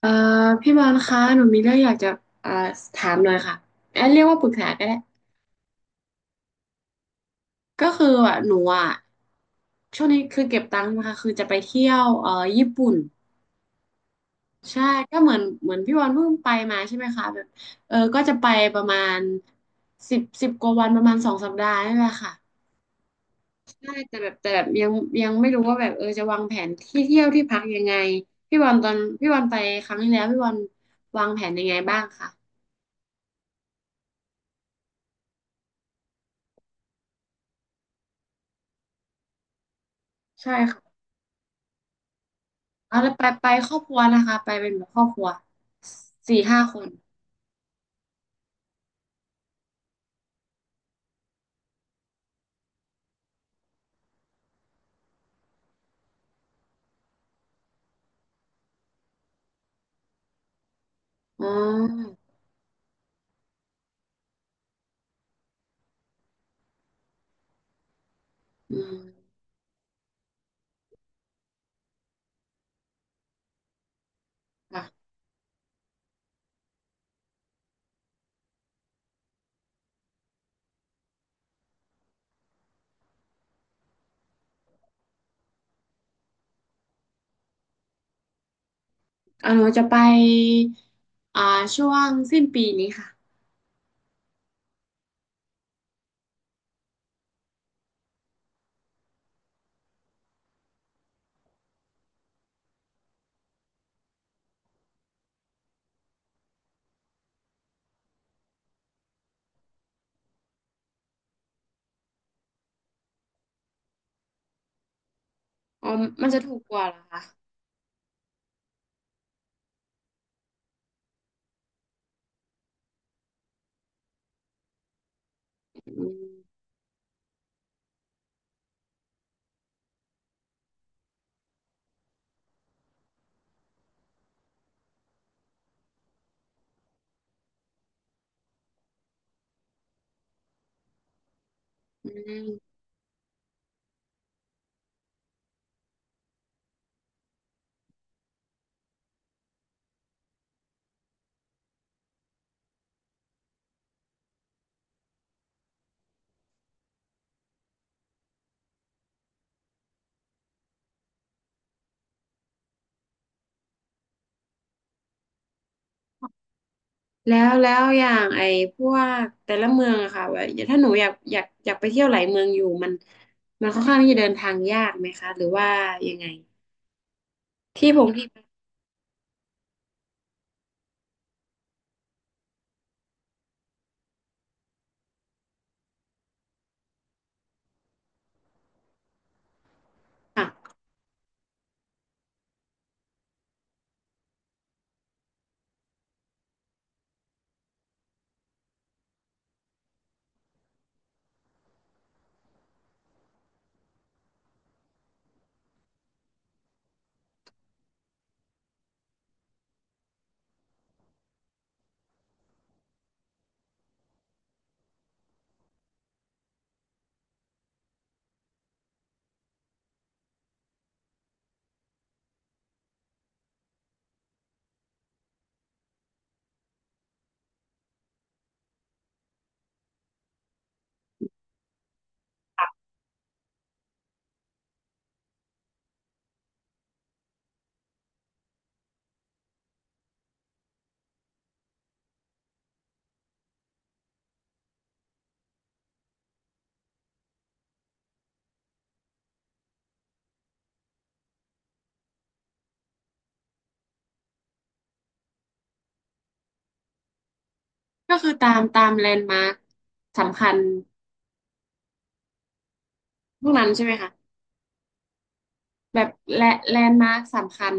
เอ่อพี่บอลคะหนูมีเรื่องอยากจะเอ่อถามหน่อยค่ะแอนเรียกว่าปรึกษาก็ได้ก็คืออ่ะหนูอ่ะช่วงนี้คือเก็บตังค์นะคะคือจะไปเที่ยวญี่ปุ่นใช่ก็เหมือนพี่บอลเพิ่งไปมาใช่ไหมคะแบบเออก็จะไปประมาณสิบกว่าวันประมาณ2 สัปดาห์นี่แหละค่ะใช่แต่แบบยังไม่รู้ว่าแบบเออจะวางแผนที่เที่ยวที่พักยังไงพี่บอลตอนพี่บอลไปครั้งที่แล้วพี่บอลวางแผนยังไงบ้างคะใช่ค่ะ เอาแล้วไปไปครอบครัวนะคะไปเป็นแบบครอบครัว4-5 คนอ๋ออืมค่ะอ่าหนูจะไปอ่าช่วงสิ้นปีนี้ค่ะอ๋อมันจะถูกกว่าเหรอคะอืมอืมแล้วแล้วอย่างไอ้พวกแต่ละเมืองอะค่ะว่าถ้าหนูอยากไปเที่ยวหลายเมืองอยู่มันค่อนข้างที่จะเดินทางยากไหมคะหรือว่ายังไงที่พงที่พักค่ะก็คือตามแลนด์มาร์คสำคัญพวกนั้นใช่ไหมคะ แบบแลแลนด์มาร์คสำคัญ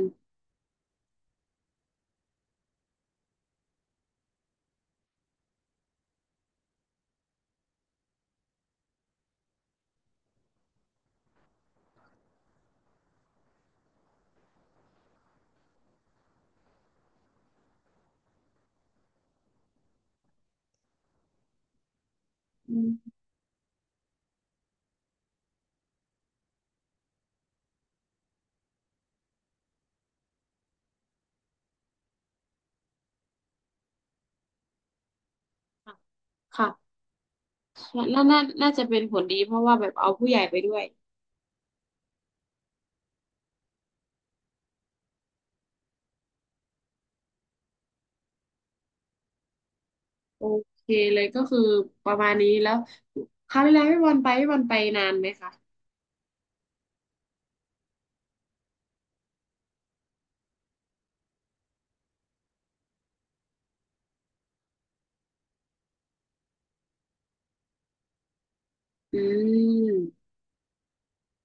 อืมค่ะค่ะน่าจะเป็นผลดีเพราะว่าแบบเอาผู้ใหญ่ไปด้วยโอเคเลยก็คือประมาณนี้แล้วคราวที่แล้วพี่บอลไปพี่บอลไปนานไหมคะอืม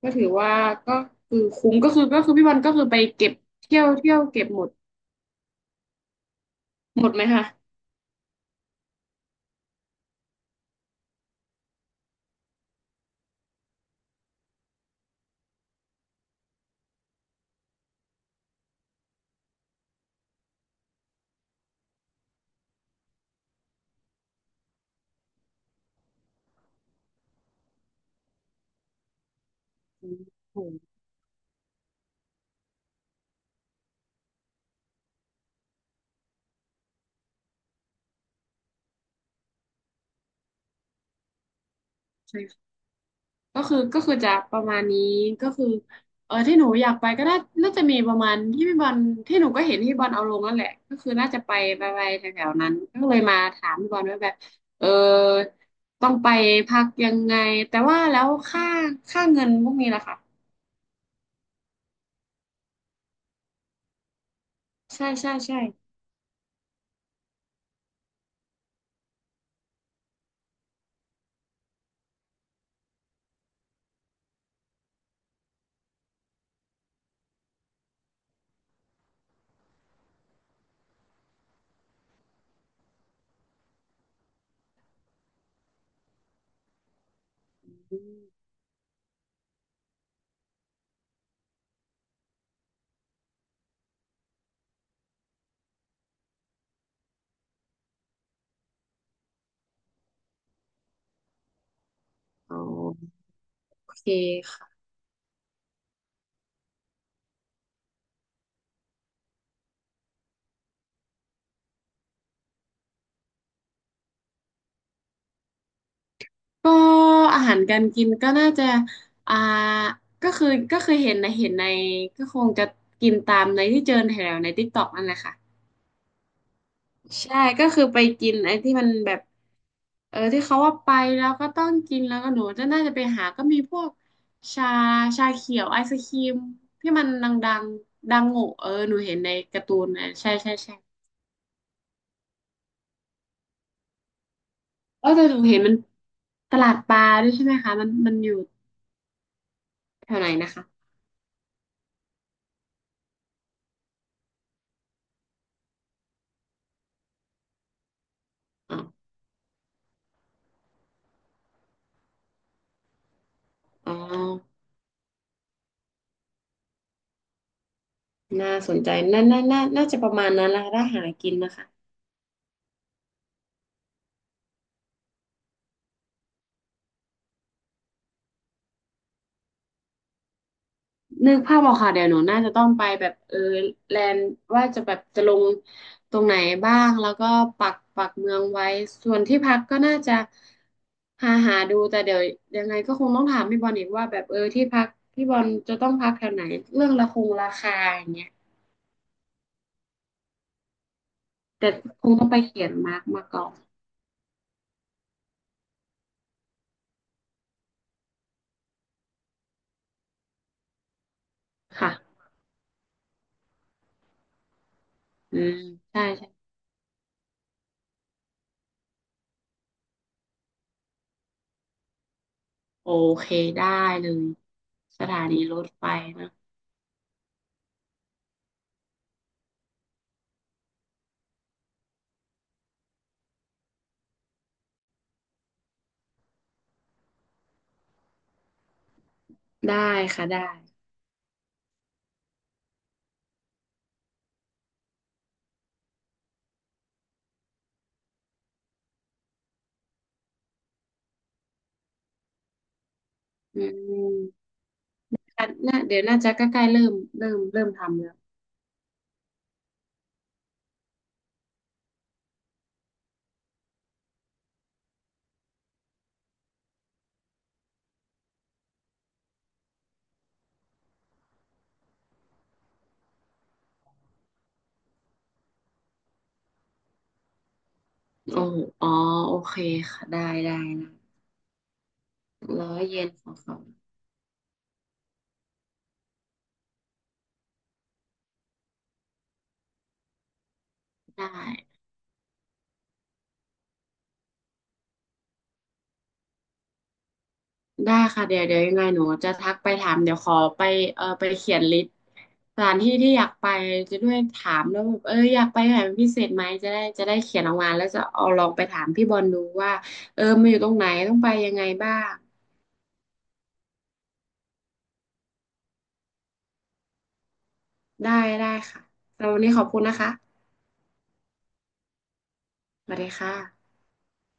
ก็ถือว่าก็คือคุ้มก็คือก็คือพี่บอลก็คือไปเก็บเที่ยวเก็บหมดหมดไหมคะอืมโอ้โห ก็คือก็คือจะประมาณนี้ก็คือเออที่หนูอยากไปก็น่าจะมีประมาณที่พี่บอลที่หนูก็เห็นพี่บอลเอาลงนั่นแหละก็คือน่าจะไปไปไปแถวๆนั้นก็เลยมาถามพี่บอลว่าแบบเออต้องไปพักยังไงแต่ว่าแล้วค่าเงินพวกนี้ล่ะค่ะใช่ใช่ใช่อืมอ๋อโอเคค่ะก็อาหารการกินก็น่าจะอ่าก็คือก็คือเห็นนะเห็นในก็คงจะกินตามในที่เจอแถวในติ๊กต็อกนั่นแหละค่ะ ใช่ก็คือไปกินไอ้ที่มันแบบเออที่เขาว่าไปแล้วก็ต้องกินแล้วก็หนูจะน่าจะไปหาก็มีพวกชาชาเขียวไอศครีมที่มันดังๆดังโง่เออหนูเห็นในการ์ตูนนะใช่ใช่ใช่เออแต่หนูเห็นมันตลาดปลาด้วยใช่ไหมคะมันมันอยู่แถวไหนนะคะอ๋ออ๋อน่าสนใจน่าจะประมาณนั้นละถ้าหากินนะคะ นึกภาพออกค่ะเดี๋ยวหนูน่าจะต้องไปแบบเออแลนด์ว่าจะแบบจะลงตรงไหนบ้างแล้วก็ปักเมืองไว้ส่วนที่พักก็น่าจะหาดูแต่เดี๋ยวยังไงก็คงต้องถามพี่บอลอีกว่าแบบเออที่พักพี่บอลจะต้องพักแถวไหนเรื่องละคงราคาอย่างเงี้ยแต่คงต้องไปเขียนมาร์กมาก่อนค่ะอืมใช่ใช่โอเคได้เลยสถานีรถไฟนะได้ค่ะได้อืม น่าเดี๋ยวน่าจะใกล้ๆเริ่มทำแล้วโอ้อ๋อโอเคค่ะได้ได้นะ100เย็นของเขาได้ได้ค่ะเดี๋ยวเดี๋ยวยังไงหนูจะทักไปถามเดี๋ยวขอไปเออไปเขียนลิสต์สถานที่ที่อยากไปจะด้วยถามแล้วแบบเอออยากไปไหนเป็นพิเศษไหมจะได้เขียนออกมาแล้วจะเอาลองไปถามพี่บอลดูว่าเออมันอยู่ตรงไหนต้องไปยังไงบ้างได้ได้ค่ะสำหรับวันนี้ขอบคุณนะคะสวัสดีค่ะ